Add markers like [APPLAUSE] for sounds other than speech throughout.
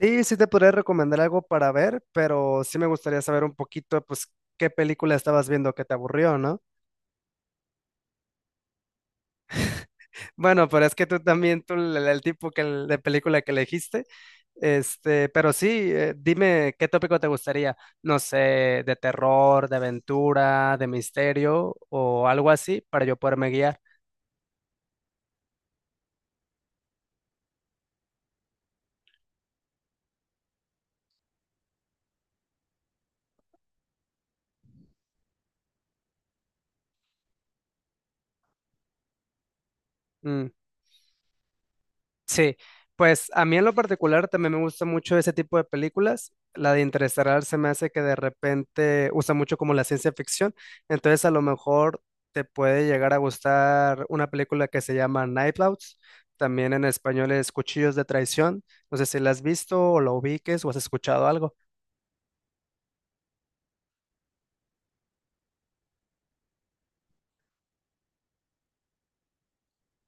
Sí, sí te podría recomendar algo para ver, pero sí me gustaría saber un poquito, pues, qué película estabas viendo que te aburrió, ¿no? Bueno, pero es que tú también, tú, el tipo que, de película que elegiste, este, pero sí, dime qué tópico te gustaría, no sé, de terror, de aventura, de misterio o algo así, para yo poderme guiar. Mm. Sí, pues a mí en lo particular también me gusta mucho ese tipo de películas. La de Interestelar se me hace que de repente usa mucho como la ciencia ficción. Entonces a lo mejor te puede llegar a gustar una película que se llama Night Owls. También en español es Cuchillos de Traición. No sé si la has visto o la ubiques o has escuchado algo.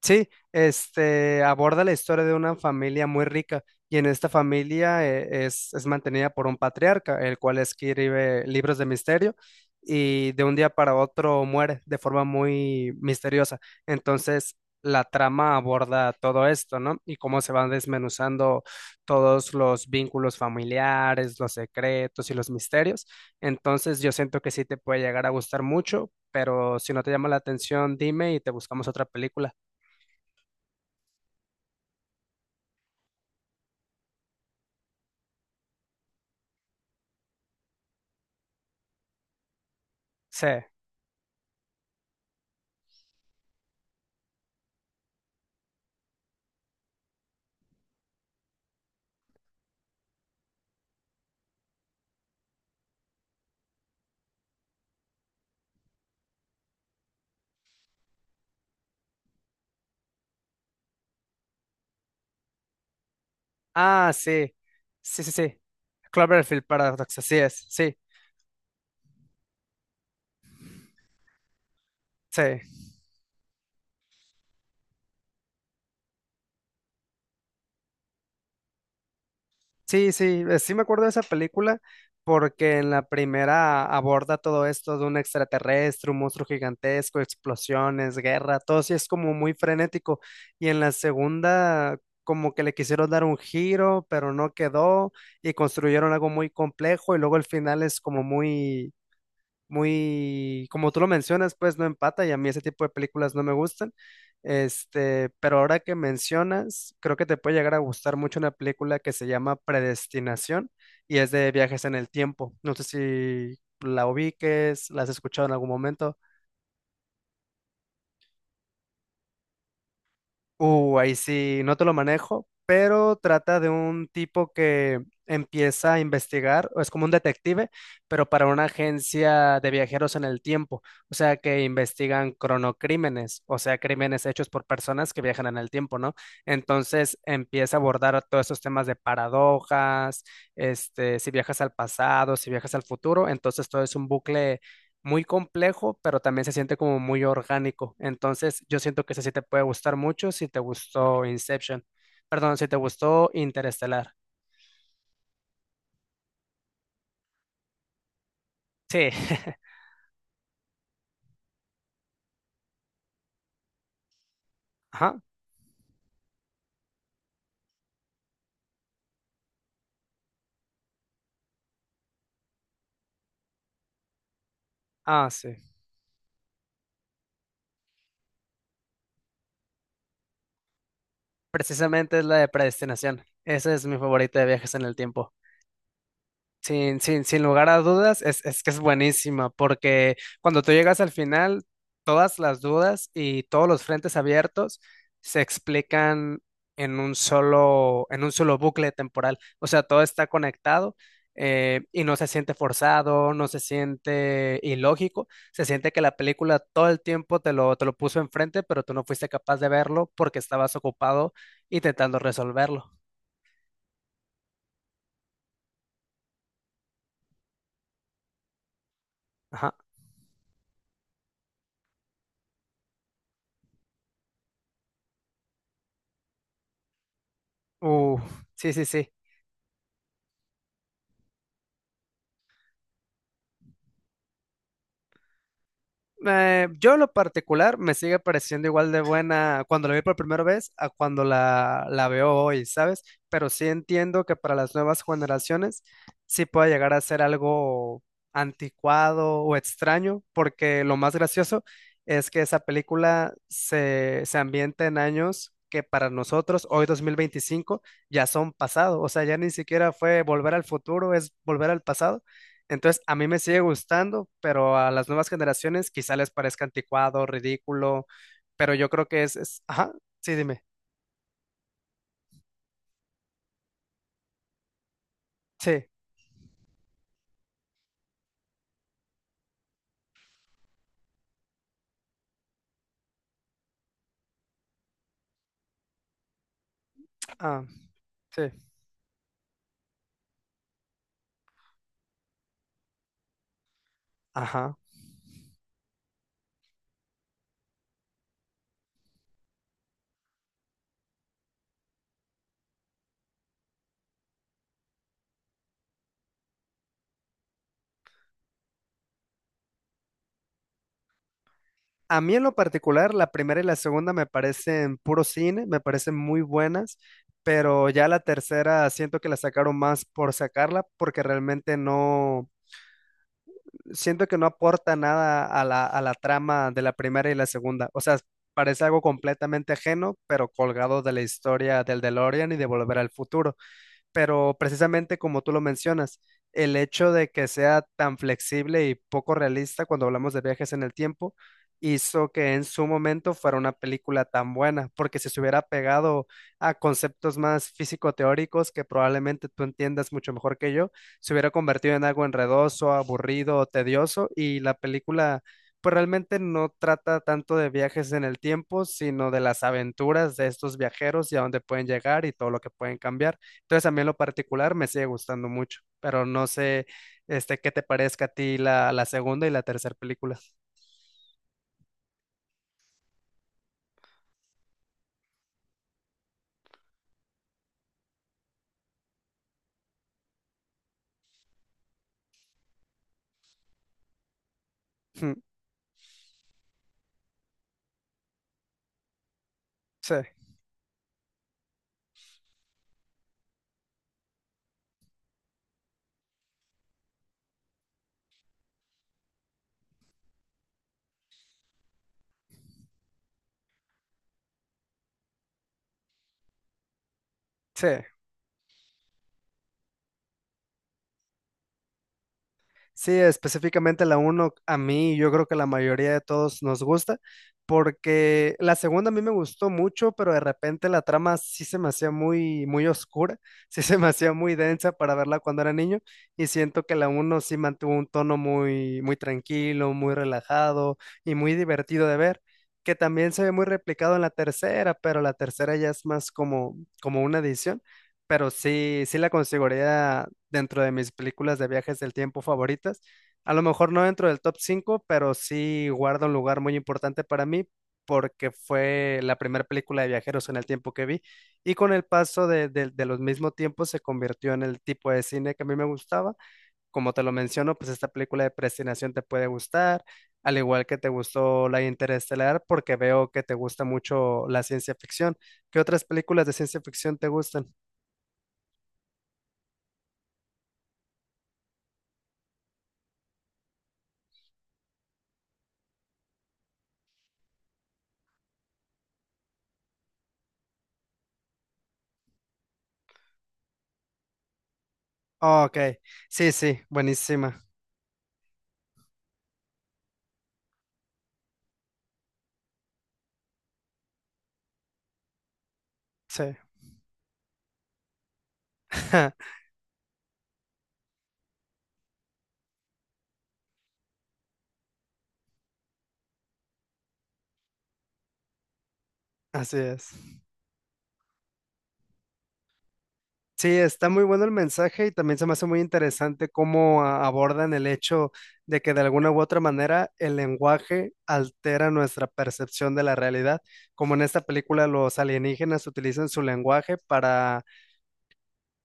Sí, este aborda la historia de una familia muy rica y en esta familia es mantenida por un patriarca, el cual escribe libros de misterio y de un día para otro muere de forma muy misteriosa. Entonces, la trama aborda todo esto, ¿no? Y cómo se van desmenuzando todos los vínculos familiares, los secretos y los misterios. Entonces, yo siento que sí te puede llegar a gustar mucho, pero si no te llama la atención, dime y te buscamos otra película. Sí. Ah, sí. Sí, sí, sí. Cloverfield Paradox, así es. Sí, sí. Sí, sí, sí me acuerdo de esa película porque en la primera aborda todo esto de un extraterrestre, un monstruo gigantesco, explosiones, guerra, todo sí es como muy frenético. Y en la segunda como que le quisieron dar un giro, pero no quedó y construyeron algo muy complejo y luego el final es como muy, como tú lo mencionas, pues no empata y a mí ese tipo de películas no me gustan. Este, pero ahora que mencionas, creo que te puede llegar a gustar mucho una película que se llama Predestinación y es de viajes en el tiempo. No sé si la ubiques, la has escuchado en algún momento. Ahí sí, no te lo manejo, pero trata de un tipo que empieza a investigar, o es como un detective, pero para una agencia de viajeros en el tiempo, o sea que investigan cronocrímenes, o sea, crímenes hechos por personas que viajan en el tiempo, ¿no? Entonces empieza a abordar todos esos temas de paradojas, este, si viajas al pasado, si viajas al futuro, entonces todo es un bucle muy complejo, pero también se siente como muy orgánico. Entonces, yo siento que ese sí te puede gustar mucho si te gustó Inception. Perdón, si te gustó Interestelar. Sí. [LAUGHS] Ajá. Ah, sí. Precisamente es la de Predestinación. Ese es mi favorito de viajes en el tiempo. Sin lugar a dudas, es que es buenísima, porque cuando tú llegas al final, todas las dudas y todos los frentes abiertos se explican en en un solo bucle temporal. O sea, todo está conectado y no se siente forzado, no se siente ilógico, se siente que la película todo el tiempo te lo puso enfrente, pero tú no fuiste capaz de verlo porque estabas ocupado intentando resolverlo. Ajá. Uh, sí, sí, sí. Yo en lo particular me sigue pareciendo igual de buena cuando la vi por primera vez a cuando la veo hoy, ¿sabes? Pero sí entiendo que para las nuevas generaciones sí puede llegar a ser algo anticuado o extraño, porque lo más gracioso es que esa película se ambienta en años que para nosotros hoy 2025 ya son pasado, o sea, ya ni siquiera fue volver al futuro, es volver al pasado, entonces, a mí me sigue gustando, pero a las nuevas generaciones quizá les parezca anticuado, ridículo, pero yo creo que ajá, sí, dime, sí, ah, sí, ajá. A mí en lo particular, la primera y la segunda me parecen puro cine, me parecen muy buenas, pero ya la tercera siento que la sacaron más por sacarla, porque realmente no, siento que no aporta nada a a la trama de la primera y la segunda. O sea, parece algo completamente ajeno, pero colgado de la historia del DeLorean y de Volver al Futuro, pero precisamente como tú lo mencionas, el hecho de que sea tan flexible y poco realista cuando hablamos de viajes en el tiempo hizo que en su momento fuera una película tan buena, porque si se hubiera pegado a conceptos más físico-teóricos que probablemente tú entiendas mucho mejor que yo, se hubiera convertido en algo enredoso, aburrido, tedioso y la película pues realmente no trata tanto de viajes en el tiempo, sino de las aventuras de estos viajeros y a dónde pueden llegar y todo lo que pueden cambiar. Entonces a mí en lo particular me sigue gustando mucho, pero no sé, este, qué te parezca a ti la segunda y la tercera película. [LAUGHS] Sí, sí. Sí, específicamente la uno a mí, yo creo que la mayoría de todos nos gusta, porque la segunda a mí me gustó mucho, pero de repente la trama sí se me hacía muy oscura, [LAUGHS] sí se me hacía muy densa para verla cuando era niño, y siento que la uno sí mantuvo un tono muy tranquilo, muy relajado y muy divertido de ver, que también se ve muy replicado en la tercera, pero la tercera ya es más como, como una edición, pero sí, sí la consideraría dentro de mis películas de viajes del tiempo favoritas. A lo mejor no dentro del top 5, pero sí guarda un lugar muy importante para mí porque fue la primera película de viajeros en el tiempo que vi y con el paso de los mismos tiempos se convirtió en el tipo de cine que a mí me gustaba. Como te lo menciono, pues esta película de predestinación te puede gustar, al igual que te gustó la Interestelar porque veo que te gusta mucho la ciencia ficción. ¿Qué otras películas de ciencia ficción te gustan? Oh, ok, sí, sí, buenísima. Sí. [LAUGHS] Así es. Sí, está muy bueno el mensaje y también se me hace muy interesante cómo abordan el hecho de que de alguna u otra manera el lenguaje altera nuestra percepción de la realidad, como en esta película los alienígenas utilizan su lenguaje para,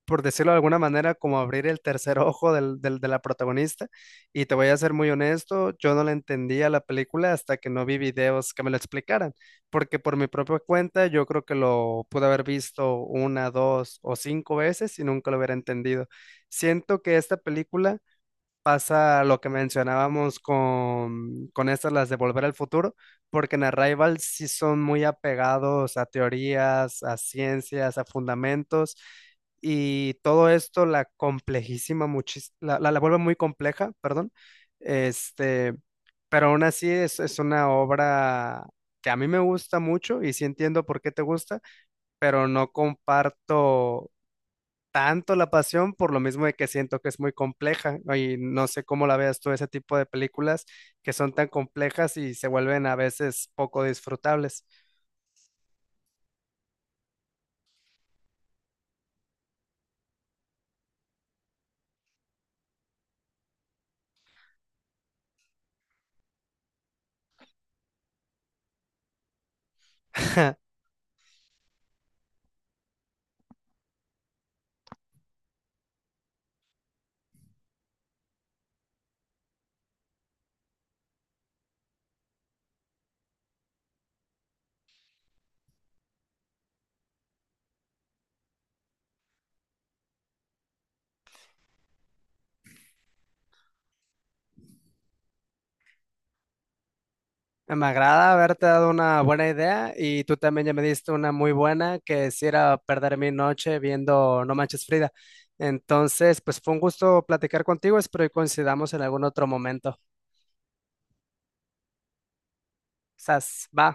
por decirlo de alguna manera, como abrir el tercer ojo de la protagonista. Y te voy a ser muy honesto, yo no la entendía la película hasta que no vi videos que me lo explicaran, porque por mi propia cuenta yo creo que lo pude haber visto una, dos o cinco veces y nunca lo hubiera entendido. Siento que esta película pasa lo que mencionábamos con estas, las de Volver al Futuro, porque en Arrival sí son muy apegados a teorías, a ciencias, a fundamentos, y todo esto la complejísima, la vuelve muy compleja, perdón, este, pero aún así es una obra que a mí me gusta mucho y sí entiendo por qué te gusta, pero no comparto tanto la pasión por lo mismo de que siento que es muy compleja, ¿no? Y no sé cómo la veas tú ese tipo de películas que son tan complejas y se vuelven a veces poco disfrutables. [LAUGHS] Me agrada haberte dado una buena idea y tú también ya me diste una muy buena que es ir a perder mi noche viendo No Manches Frida. Entonces, pues fue un gusto platicar contigo, espero que coincidamos en algún otro momento. Sas, va.